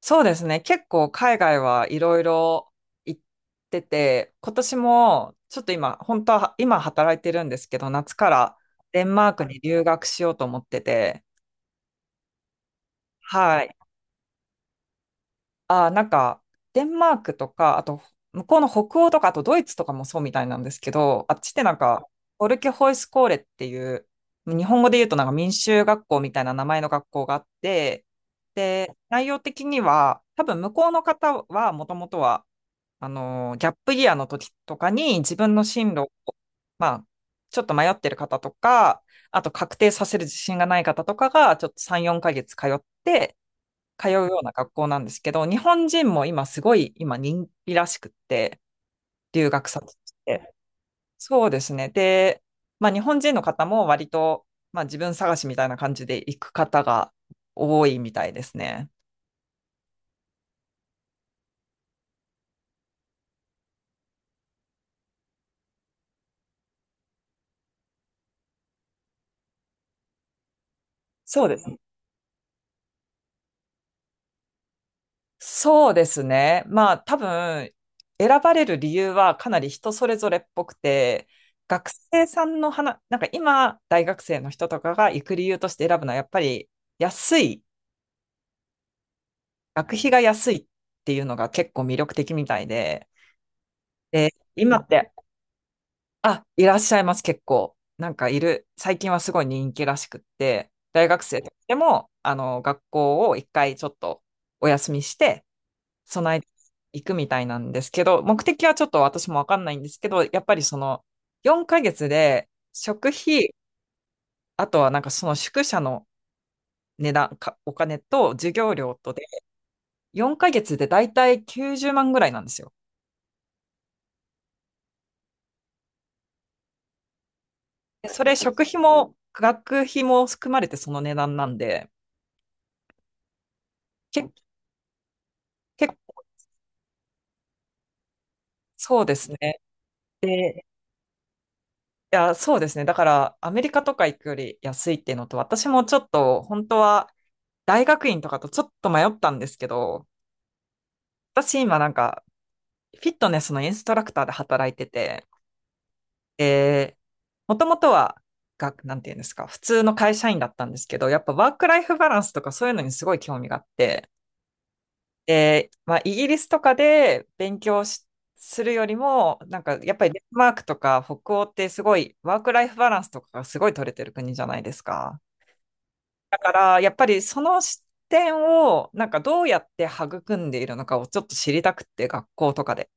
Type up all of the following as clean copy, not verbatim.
そうですね。結構海外はいろいろ行ってて、今年もちょっと今、本当は今働いてるんですけど、夏からデンマークに留学しようと思ってて、はい。あー、なんか、デンマークとか、あと、向こうの北欧とか、あとドイツとかもそうみたいなんですけど、あっちってなんか、オルケホイスコーレっていう、日本語で言うとなんか民衆学校みたいな名前の学校があって、で、内容的には、多分向こうの方はもともとは、あの、ギャップイヤーの時とかに自分の進路を、まあ、ちょっと迷ってる方とか、あと確定させる自信がない方とかが、ちょっと3、4ヶ月通って、通うような学校なんですけど、日本人も今すごい、今人気らしくって、留学先として。そうですね。で、まあ日本人の方も割と、まあ自分探しみたいな感じで行く方が多いみたいですね。そうです。そうですね。まあ多分選ばれる理由はかなり人それぞれっぽくて、学生さんの話、なんか今大学生の人とかが行く理由として選ぶのはやっぱり安い、学費が安いっていうのが結構魅力的みたいで、で、今って、あ、いらっしゃいます結構。なんかいる、最近はすごい人気らしくって、大学生でもあの学校を一回ちょっとお休みして、備え、行くみたいなんですけど、目的はちょっと私もわかんないんですけど、やっぱりその4ヶ月で食費、あとはなんかその宿舎の値段、お金と授業料とで、4ヶ月でだいたい90万ぐらいなんですよ。でそれ食費も学費も含まれてその値段なんで、け、結構そうですね。いや、そうですね。だからアメリカとか行くより安いっていうのと、私もちょっと本当は大学院とかとちょっと迷ったんですけど、私今なんかフィットネスのインストラクターで働いてて、えもともとは、なんていうんですか、普通の会社員だったんですけど、やっぱワークライフバランスとかそういうのにすごい興味があって、で、まあ、イギリスとかで勉強するよりも、なんかやっぱりデンマークとか北欧ってすごいワークライフバランスとかがすごい取れてる国じゃないですか。だからやっぱりその視点をなんかどうやって育んでいるのかをちょっと知りたくって学校とかで。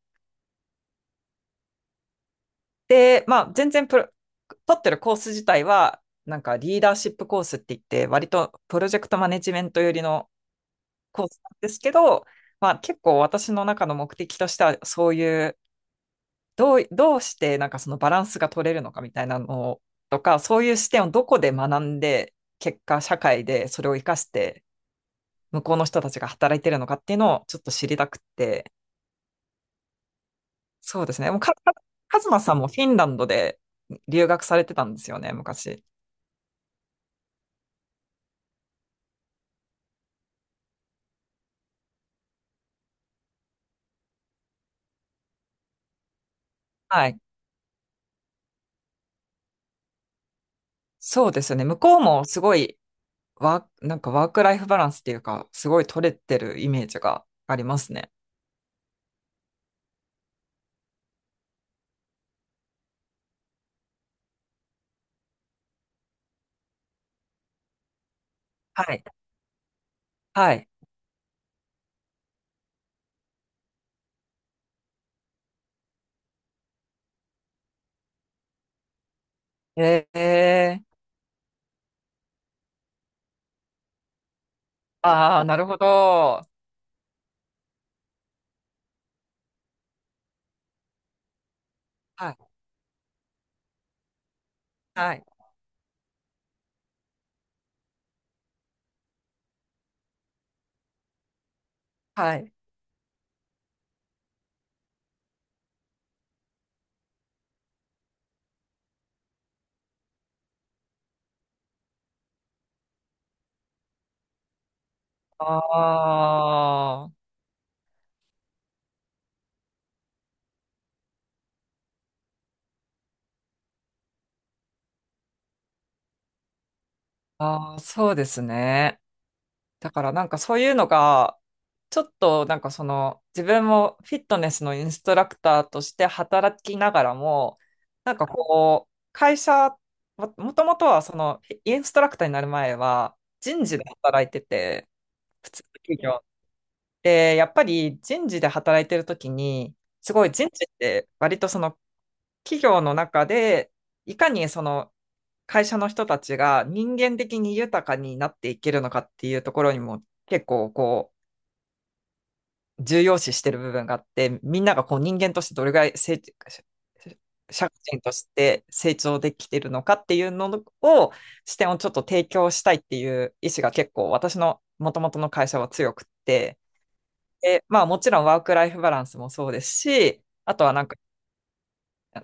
で、まあ、全然取ってるコース自体は、なんかリーダーシップコースって言って、割とプロジェクトマネジメント寄りのコースなんですけど、まあ、結構私の中の目的としては、そういう、どうしてなんかそのバランスが取れるのかみたいなのとか、そういう視点をどこで学んで、結果社会でそれを活かして、向こうの人たちが働いてるのかっていうのをちょっと知りたくて、そうですね。もうカズマさんもフィンランドで留学されてたんですよね、昔。はい。そうですよね。向こうもすごいなんかワークライフバランスっていうか、すごい取れてるイメージがありますね。はい。はい。ええー、ああー、なるほど。はい。はい。はい。ああ、ああ、そうですね。だからなんかそういうのが、ちょっとなんかその自分もフィットネスのインストラクターとして働きながらも、なんかこう、会社、ももともとはそのインストラクターになる前は人事で働いてて、普通の企業。で、やっぱり人事で働いてるときに、すごい人事って割とその企業の中で、いかにその会社の人たちが人間的に豊かになっていけるのかっていうところにも結構こう重要視してる部分があって、みんながこう人間としてどれぐらい社会人として成長できてるのかっていうのを視点をちょっと提供したいっていう意思が結構私のもともとの会社は強くって、で、まあ、もちろんワークライフバランスもそうですし、あとはなんか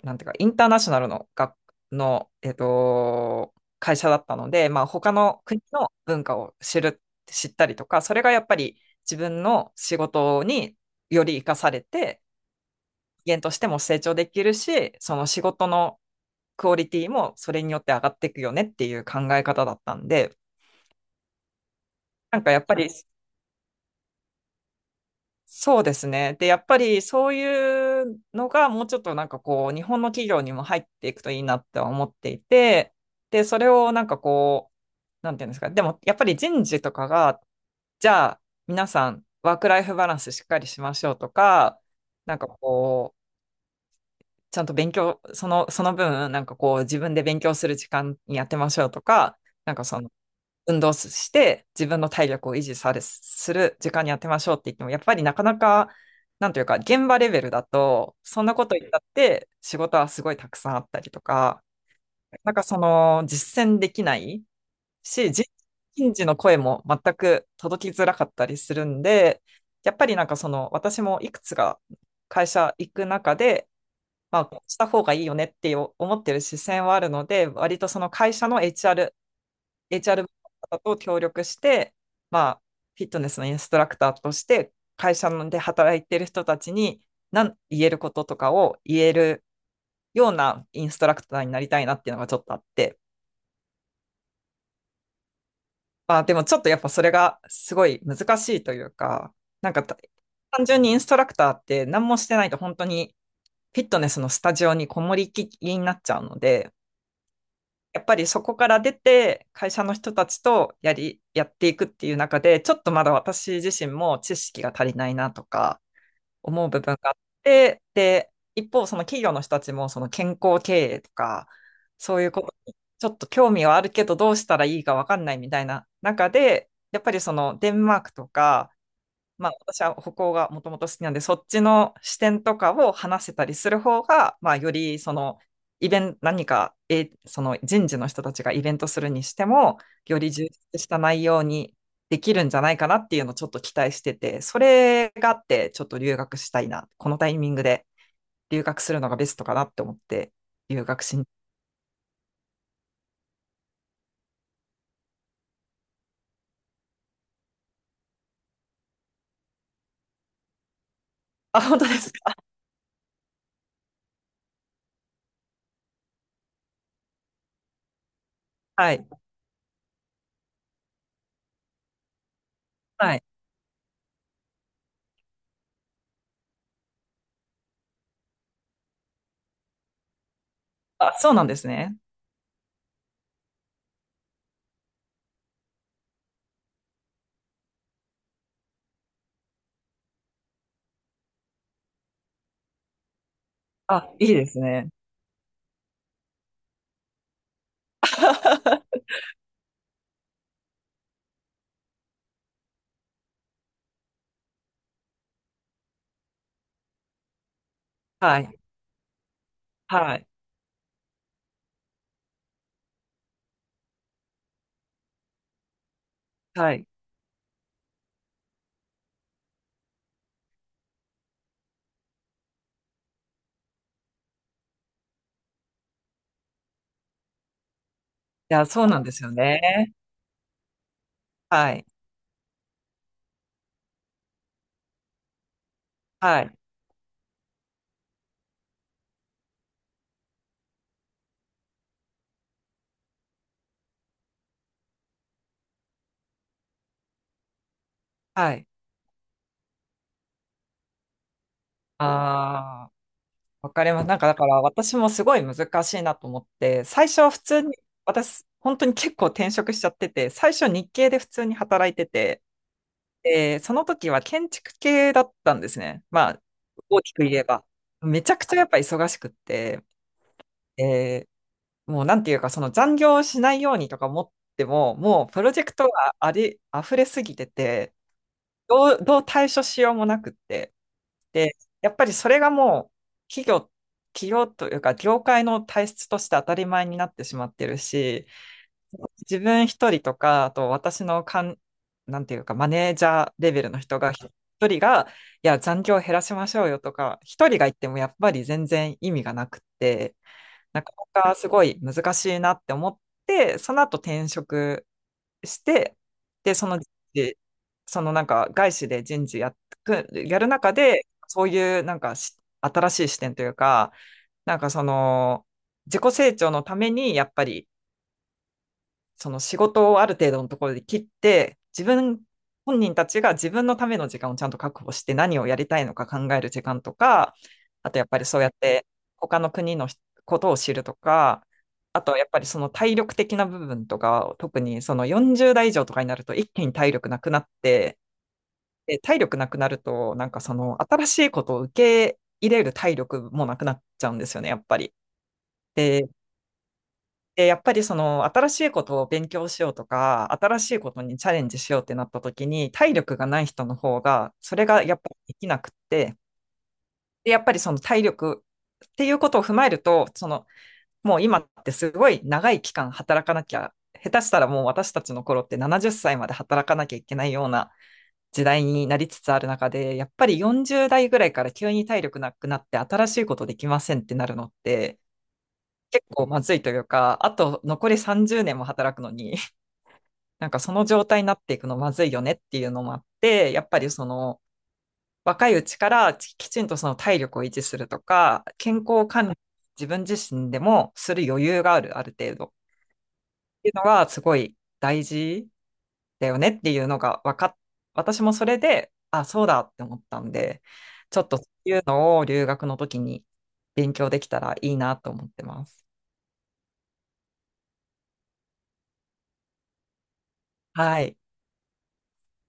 なんていうか、インターナショナルの学、の、えっと、会社だったので、まあ、他の国の文化を知ったりとか、それがやっぱり自分の仕事により活かされて、人間としても成長できるし、その仕事のクオリティもそれによって上がっていくよねっていう考え方だったんで、なんかやっぱりそうですね。で、やっぱりそういうのがもうちょっとなんかこう、日本の企業にも入っていくといいなって思っていて、で、それをなんかこう、なんていうんですか、でもやっぱり人事とかが、じゃあ皆さんワークライフバランスしっかりしましょうとか、なんかこう、ちゃんと勉強、その、その分、なんかこう、自分で勉強する時間にやってましょうとか、なんか運動して自分の体力を維持する時間に当てましょうって言っても、やっぱりなかなか、なんというか、現場レベルだと、そんなこと言ったって仕事はすごいたくさんあったりとか、なんかその実践できないし、人事の声も全く届きづらかったりするんで、やっぱりなんかその私もいくつか会社行く中で、まあ、こうした方がいいよねって思ってる視線はあるので、割とその会社の HR の方と協力して、まあ、フィットネスのインストラクターとして、会社で働いてる人たちに何言えることとかを言えるようなインストラクターになりたいなっていうのがちょっとあって、まあ、でもちょっとやっぱそれがすごい難しいというか、なんか単純にインストラクターって何もしてないと本当にフィットネスのスタジオにこもりきりになっちゃうので、やっぱりそこから出て会社の人たちとやっていくっていう中で、ちょっとまだ私自身も知識が足りないなとか思う部分があって、で、一方その企業の人たちもその健康経営とか、そういうことにちょっと興味はあるけどどうしたらいいかわかんないみたいな中で、やっぱりそのデンマークとか、まあ、私は歩行がもともと好きなんで、そっちの視点とかを話せたりする方が、まあ、よりそのイベント、何か、その人事の人たちがイベントするにしても、より充実した内容にできるんじゃないかなっていうのをちょっと期待してて、それがあって、ちょっと留学したいな、このタイミングで留学するのがベストかなって思って、留学しに。あ、本当ですか。はい。はい。あ、そうなんですね。あ、いいですね。はい。はい。はい。や、そうなんですよね。はい。はい。はい。ああ、わかります。なんか、だから、私もすごい難しいなと思って、最初は普通に、私、本当に結構転職しちゃってて、最初日系で普通に働いてて、で、その時は建築系だったんですね。まあ、大きく言えば。めちゃくちゃやっぱ忙しくって、で、もうなんていうか、その残業しないようにとか思っても、もうプロジェクトがあり、溢れすぎてて、どう対処しようもなくって。で、やっぱりそれがもう企業というか業界の体質として当たり前になってしまってるし、自分一人とか、あと私のかん、なんていうかマネージャーレベルの人が一人が、いや、残業減らしましょうよとか、一人が言ってもやっぱり全然意味がなくって、なかなかすごい難しいなって思って、その後転職して、で、その人事、そのなんか外資で人事やっく、やる中で、そういうなんか新しい視点というか、なんかその自己成長のためにやっぱりその仕事をある程度のところで切って、自分本人たちが自分のための時間をちゃんと確保して何をやりたいのか考える時間とか、あとやっぱりそうやって他の国のことを知るとか、あとやっぱりその体力的な部分とか、特にその40代以上とかになると一気に体力なくなって、で体力なくなると、なんかその新しいことを受け入れる体力もなくなっちゃうんですよね、やっぱり。で、で、やっぱりその新しいことを勉強しようとか、新しいことにチャレンジしようってなった時に、体力がない人の方が、それがやっぱりできなくって、で、やっぱりその体力っていうことを踏まえると、その、もう今ってすごい長い期間働かなきゃ、下手したらもう私たちの頃って70歳まで働かなきゃいけないような時代になりつつある中で、やっぱり40代ぐらいから急に体力なくなって新しいことできませんってなるのって、結構まずいというか、あと残り30年も働くのに、なんかその状態になっていくのまずいよねっていうのもあって、やっぱりその若いうちからきちんとその体力を維持するとか、健康管理自分自身でもする余裕がある、ある程度っていうのがすごい大事だよねっていうのが分かっ、私もそれで、あ、そうだって思ったんで、ちょっとそういうのを留学の時に勉強できたらいいなと思ってます。はい。